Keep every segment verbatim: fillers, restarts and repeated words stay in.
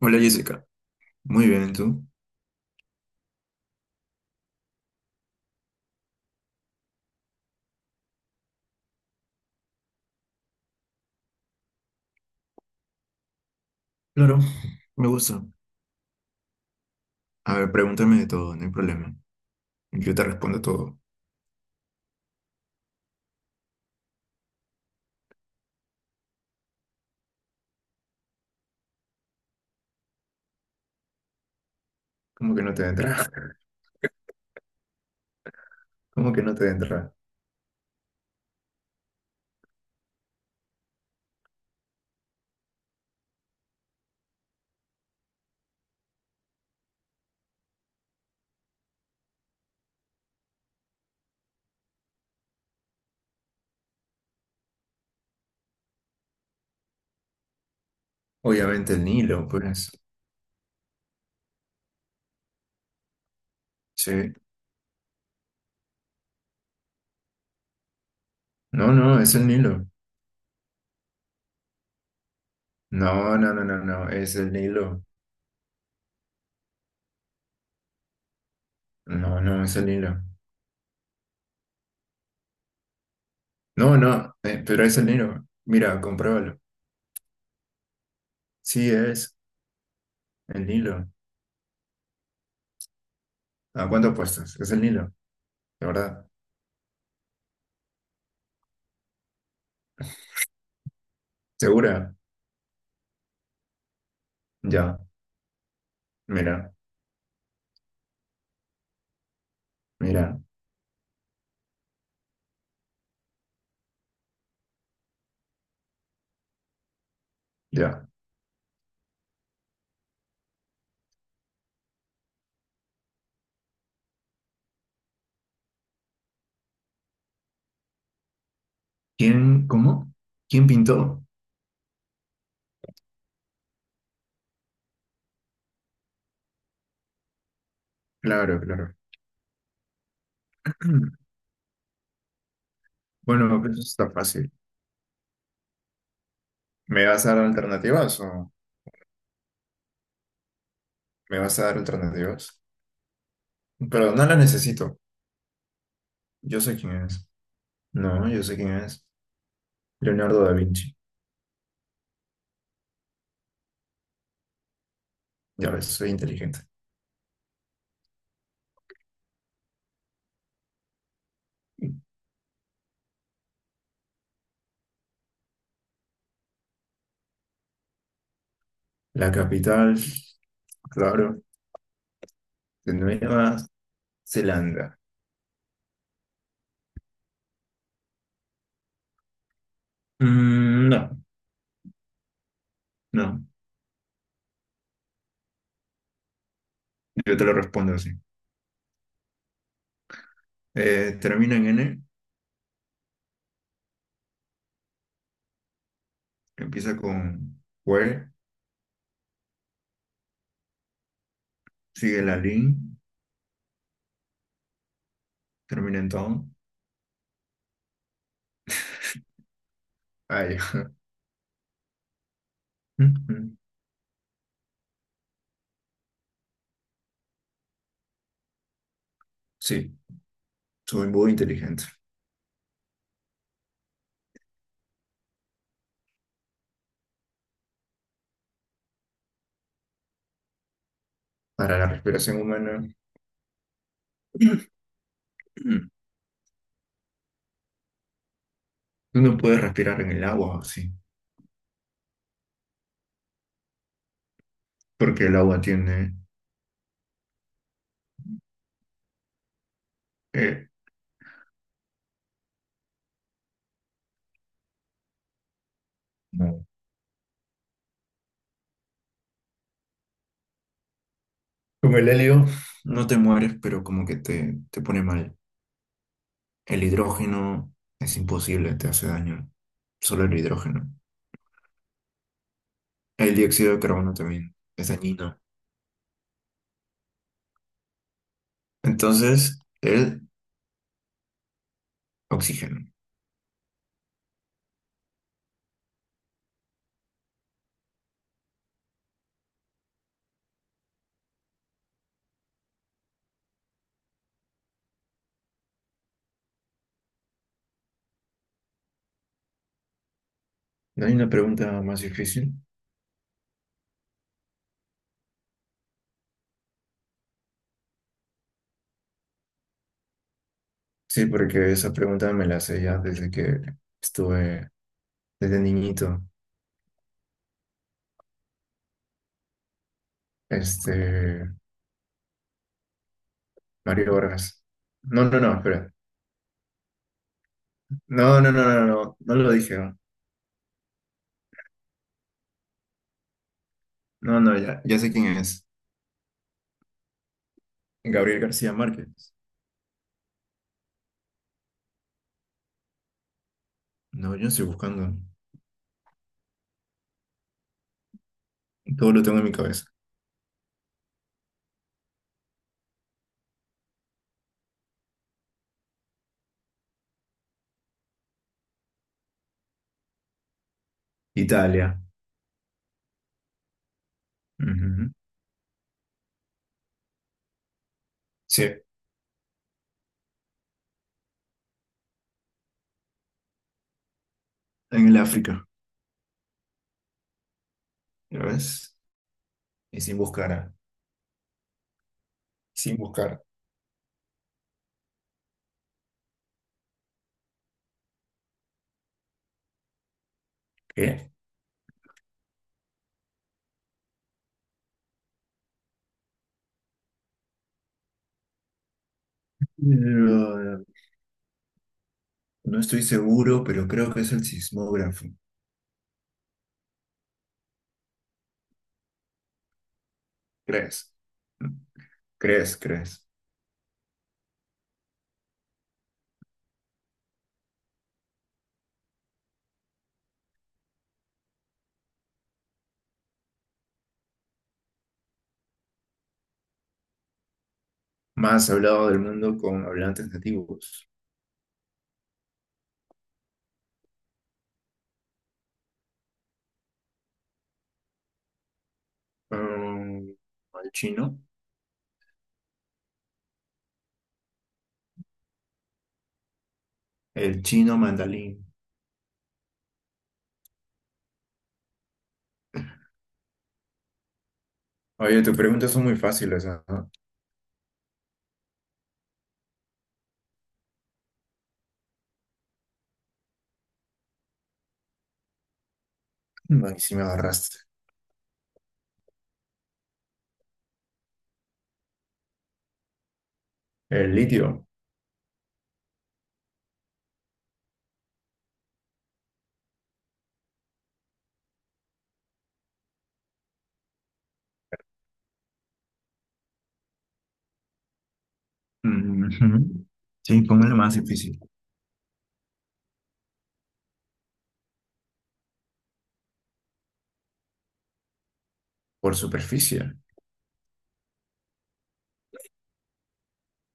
Hola Jessica, muy bien, ¿y tú? Claro, me gusta. A ver, pregúntame de todo, no hay problema. Yo te respondo todo. ¿Cómo que no te entra? ¿Cómo que no te entra? Obviamente el Nilo, pues. Sí. No, no, es el Nilo. No, no, no, no, no, es el Nilo. No, no, es el Nilo. No, no, eh, pero es el Nilo. Mira, compruébalo. Sí, es el Nilo. ¿A cuánto apuestas? Es el Nilo, de verdad. ¿Segura? Ya, mira, mira, ya. ¿Quién, cómo? ¿Quién pintó? Claro, claro. Bueno, pues eso está fácil. ¿Me vas a dar alternativas o me vas a dar alternativas? Pero no las necesito. Yo sé quién es. No, yo sé quién es. Leonardo da Vinci. Ya ves, soy inteligente. La capital, claro, de Nueva Zelanda. Mm, no, no. Yo te lo respondo así. Eh, termina en N, empieza con Hue, sigue la Lin, termina en Town. Ah, ya. Sí, soy muy inteligente. Para la respiración humana, tú no puedes respirar en el agua así, porque el agua tiene eh, no. Con el helio no te mueres, pero como que te, te pone mal. El hidrógeno es imposible, te hace daño. Solo el hidrógeno. El dióxido de carbono también es dañino. Entonces, el oxígeno. ¿No hay una pregunta más difícil? Sí, porque esa pregunta me la sé ya desde que estuve, desde niñito. Este, Mario Vargas. No, no, no, espera. No, no, no, no, no, no lo dije. No, no, no, ya, ya sé quién es. Gabriel García Márquez. No, yo estoy buscando. Todo lo tengo en mi cabeza. Italia. Ujú. Sí, en el África. ¿Ya ves? Y sin buscar. ah, Sin buscar. ¿Qué? Lo- no estoy seguro, pero creo que es el sismógrafo. ¿Crees? ¿Crees? ¿Crees? Más hablado del mundo con hablantes nativos. Mm, ¿El chino? El chino mandarín. Oye, tus preguntas son muy fáciles, ¿no? Ay, sí me agarraste. El litio. Ujú. Sí, ¿cómo es lo más difícil? Por superficie.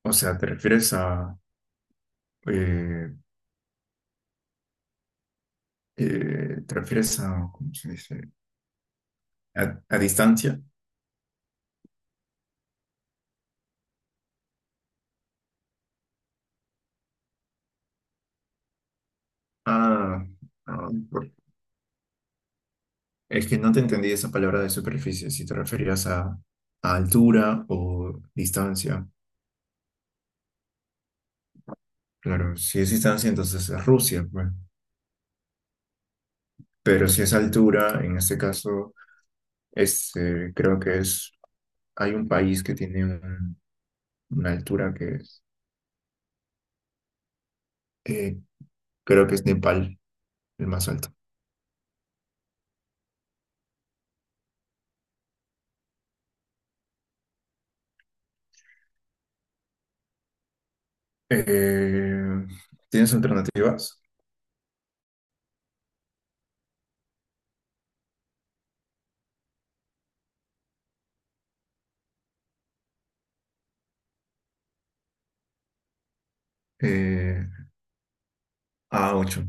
O sea, ¿te refieres a eh, eh, te refieres a? ¿Cómo se dice? ¿A, a, distancia? Ah, ah, por- es que no te entendí esa palabra de superficie, si te referías a, a altura o distancia. Claro, si es distancia, entonces es Rusia, pues. Pero si es altura, en este caso, este, creo que es, hay un país que tiene un- una altura que eh, creo que es Nepal, el más alto. Eh, ¿Tienes alternativas? Eh, a ocho.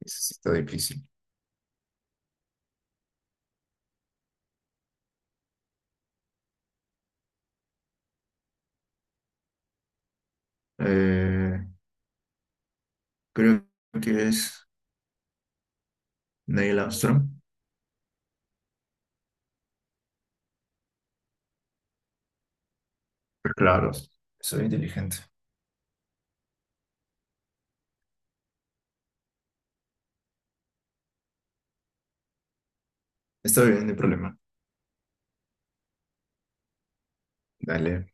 Ese sí está difícil. Eh, Creo que es Neil Armstrong. Pero claro, soy inteligente. Está bien, no hay problema. Dale.